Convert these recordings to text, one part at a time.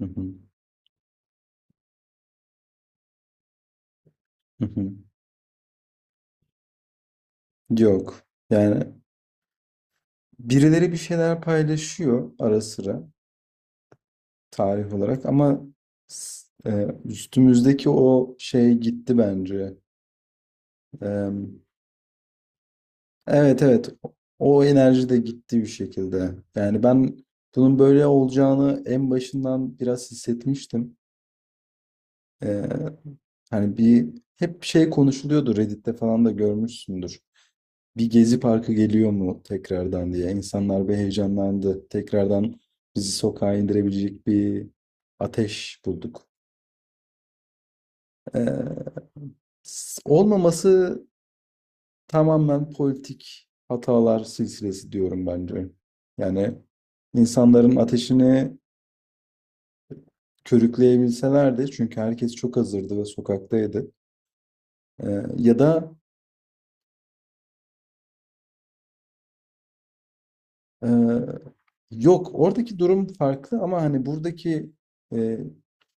Hı hı. Hı hı. Yok. Yani birileri bir şeyler paylaşıyor ara sıra tarih olarak ama üstümüzdeki o şey gitti bence. E, evet, evet, o enerji de gitti bir şekilde. Yani ben bunun böyle olacağını en başından biraz hissetmiştim. Ee, Hani hep şey konuşuluyordu Reddit'te falan da görmüşsündür. Bir Gezi Parkı geliyor mu tekrardan diye. İnsanlar bir heyecanlandı. Tekrardan bizi sokağa indirebilecek bir ateş bulduk. Ee, Olmaması tamamen politik hatalar silsilesi diyorum bence. Yani insanların ateşini körükleyebilselerdi çünkü herkes çok hazırdı ve sokaktaydı. Ya da Ee, Yok, oradaki durum farklı ama hani buradaki e,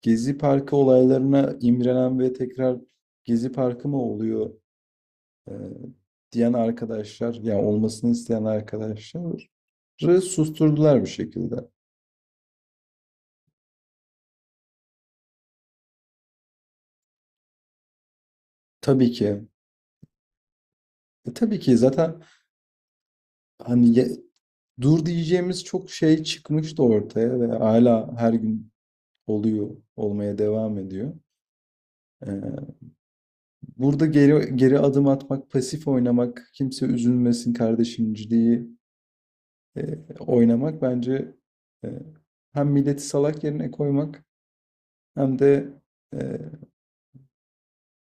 Gezi Parkı olaylarına imrenen ve tekrar Gezi Parkı mı oluyor e, diyen arkadaşlar, yani olmasını isteyen arkadaşları susturdular bir şekilde. Tabii ki. Tabii ki zaten, hani dur diyeceğimiz çok şey çıkmıştı ortaya ve hala her gün oluyor, olmaya devam ediyor. Ee, Burada geri geri adım atmak, pasif oynamak, kimse üzülmesin kardeşimciliği oynamak bence e, hem milleti salak yerine koymak hem de e,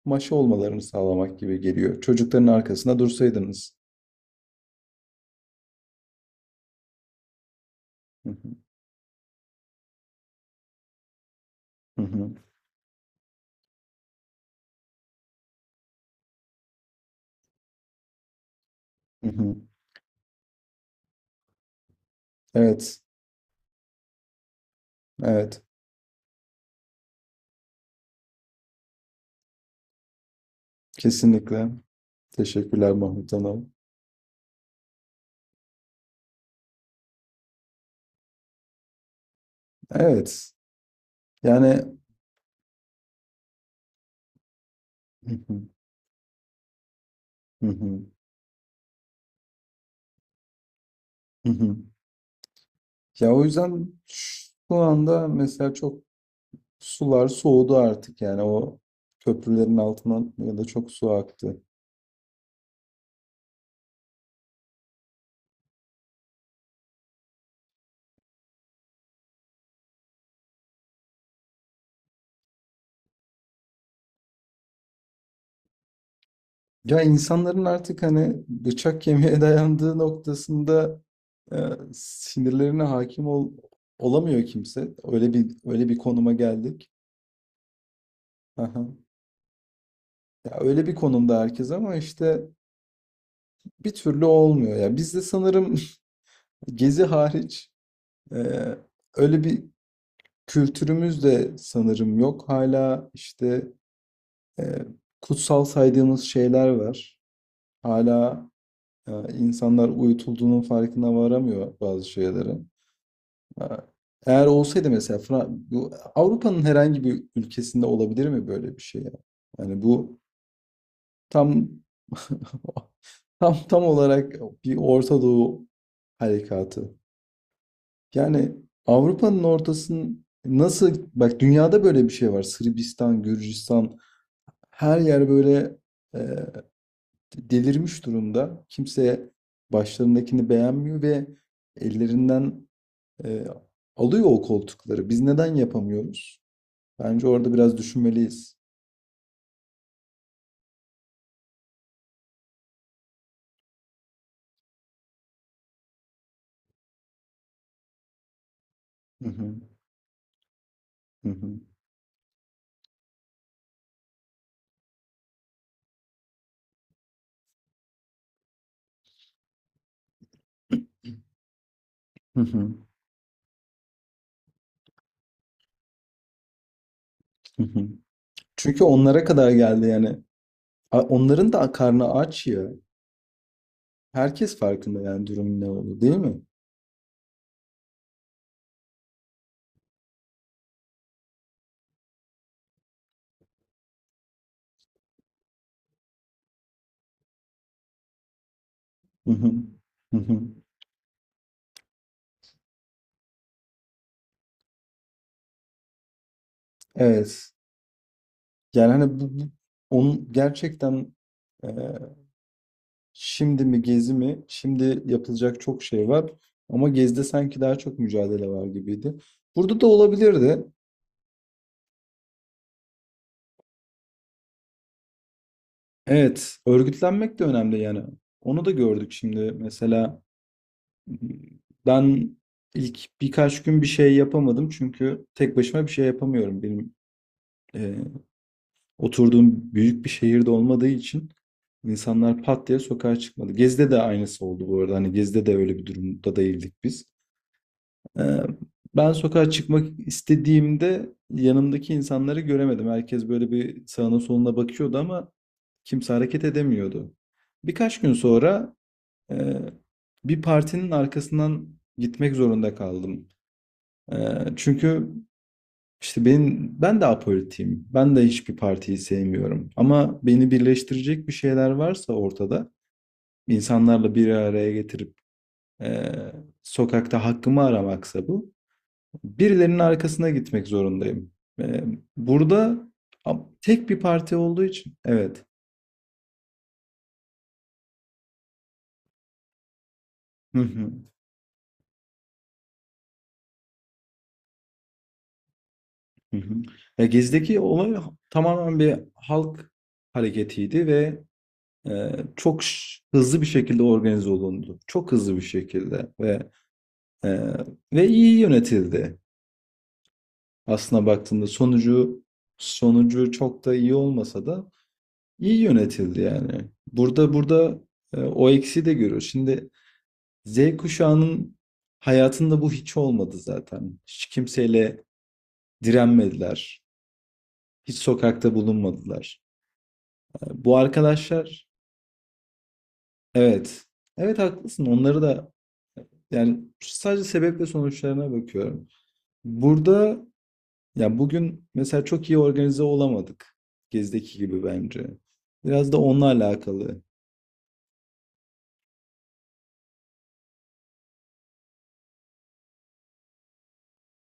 maşa olmalarını sağlamak gibi geliyor. Çocukların arkasında dursaydınız. Hı hı, hı hı, hı hı. Evet, evet, kesinlikle. Teşekkürler Mahmut Hanım. Evet, yani. Hı hı, hı hı, hı hı. Ya o yüzden şu anda mesela sular soğudu artık, yani o köprülerin altından ya da çok su aktı. Ya insanların artık, hani, bıçak kemiğe dayandığı noktasında e, sinirlerine hakim olamıyor kimse. Öyle bir konuma geldik. Aha. Ya öyle bir konumda herkes ama işte bir türlü olmuyor. Ya bizde sanırım Gezi hariç e, öyle bir kültürümüz de sanırım yok. Hala işte e, kutsal saydığımız şeyler var. Hala e, insanlar uyutulduğunun farkına varamıyor bazı şeylerin. E, Eğer olsaydı mesela bu Avrupa'nın herhangi bir ülkesinde olabilir mi böyle bir şey ya? Yani bu tam tam olarak bir Orta Doğu harekatı. Yani Avrupa'nın ortasının, nasıl, bak, dünyada böyle bir şey var. Sırbistan, Gürcistan, her yer böyle e, delirmiş durumda. Kimse başlarındakini beğenmiyor ve ellerinden e, alıyor o koltukları. Biz neden yapamıyoruz? Bence orada biraz düşünmeliyiz. Hı hı, hı hı, hı hı, hı hı. Çünkü onlara kadar geldi yani. Onların da karnı aç ya. Herkes farkında yani, durumun ne olduğu, değil mi? Hı hı. Hı hı. Evet. Yani hani bu onun gerçekten, e, şimdi mi Gezi mi? Şimdi yapılacak çok şey var. Ama Gezi'de sanki daha çok mücadele var gibiydi. Burada da olabilirdi. Evet. Örgütlenmek de önemli yani. Onu da gördük şimdi. Mesela ben ilk birkaç gün bir şey yapamadım. Çünkü tek başıma bir şey yapamıyorum. Benim oturduğum büyük bir şehirde olmadığı için insanlar pat diye sokağa çıkmadı. Gezi'de de aynısı oldu bu arada. Hani Gezi'de de öyle bir durumda değildik biz. Ee, Ben sokağa çıkmak istediğimde yanımdaki insanları göremedim. Herkes böyle bir sağına soluna bakıyordu ama kimse hareket edemiyordu. Birkaç gün sonra e, bir partinin arkasından gitmek zorunda kaldım. E, Çünkü işte ben de apolitiyim. Ben de hiçbir partiyi sevmiyorum. Ama beni birleştirecek bir şeyler varsa ortada, insanlarla bir araya getirip eee, sokakta hakkımı aramaksa bu, birilerinin arkasına gitmek zorundayım. Eee, Burada tek bir parti olduğu için, evet. Hı hı, hı hı. Ya Gezi'deki olay tamamen bir halk hareketiydi ve çok hızlı bir şekilde organize olundu. Çok hızlı bir şekilde Ee, ve iyi yönetildi. Aslına baktığında sonucu çok da iyi olmasa da iyi yönetildi yani. Burada o eksiği de görüyoruz. Şimdi Z kuşağının hayatında bu hiç olmadı zaten. Hiç kimseyle direnmediler. Hiç sokakta bulunmadılar. Bu arkadaşlar, evet. Evet, haklısın. Onları da, yani sadece sebep ve sonuçlarına bakıyorum. Burada Ya bugün mesela çok iyi organize olamadık. Gezdeki gibi bence. Biraz da onunla alakalı.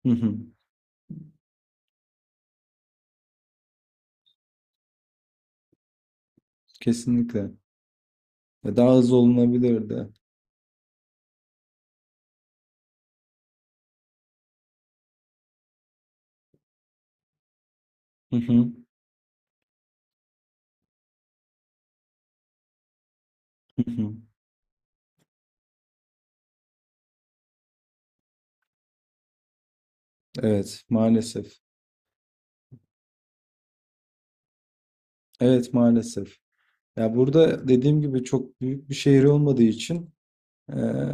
Hı hı. Kesinlikle. Ya daha hızlı olunabilirdi. Hı hı. Hı hı. Evet, maalesef. Evet, maalesef. Ya burada dediğim gibi çok büyük bir şehir olmadığı için eee,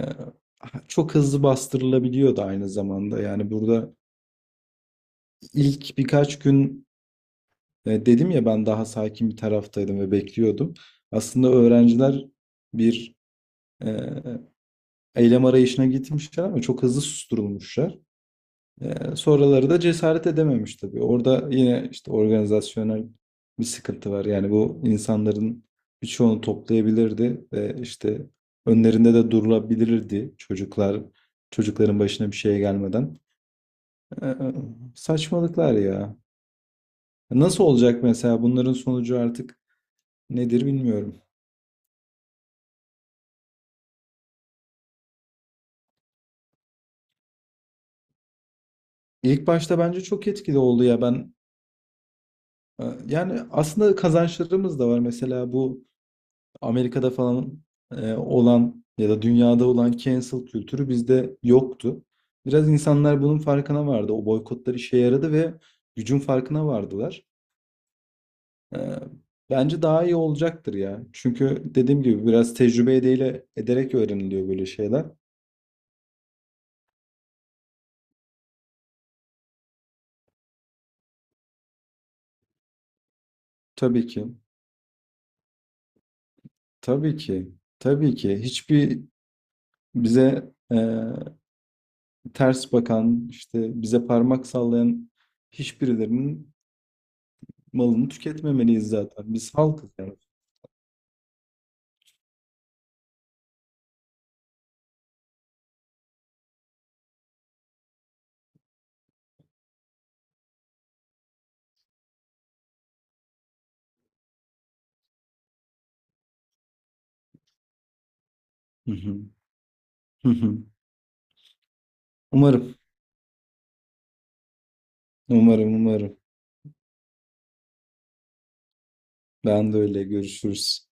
çok hızlı bastırılabiliyordu aynı zamanda. Yani burada ilk birkaç gün dedim ya, ben daha sakin bir taraftaydım ve bekliyordum. Aslında öğrenciler bir e, eylem arayışına gitmişler ama çok hızlı susturulmuşlar. Sonraları da cesaret edememiş tabii. Orada yine işte organizasyonel bir sıkıntı var. Yani bu insanların birçoğunu toplayabilirdi ve işte önlerinde de durulabilirdi, çocuklar, çocukların başına bir şey gelmeden. Ee, Saçmalıklar ya. Nasıl olacak mesela bunların sonucu, artık nedir bilmiyorum. İlk başta bence çok etkili oldu ya, ben yani aslında kazançlarımız da var. Mesela bu Amerika'da falan olan ya da dünyada olan cancel kültürü bizde yoktu. Biraz insanlar bunun farkına vardı. O boykotlar işe yaradı ve gücün farkına vardılar. E, Bence daha iyi olacaktır ya. Çünkü dediğim gibi biraz tecrübe ederek öğreniliyor böyle şeyler. Tabii ki, tabii ki, tabii ki. Bize e, ters bakan, işte bize parmak sallayan hiçbirilerinin malını tüketmemeliyiz zaten. Biz halkız yani. Hı hı. Hı hı. Umarım, umarım, umarım. Ben de öyle. Görüşürüz.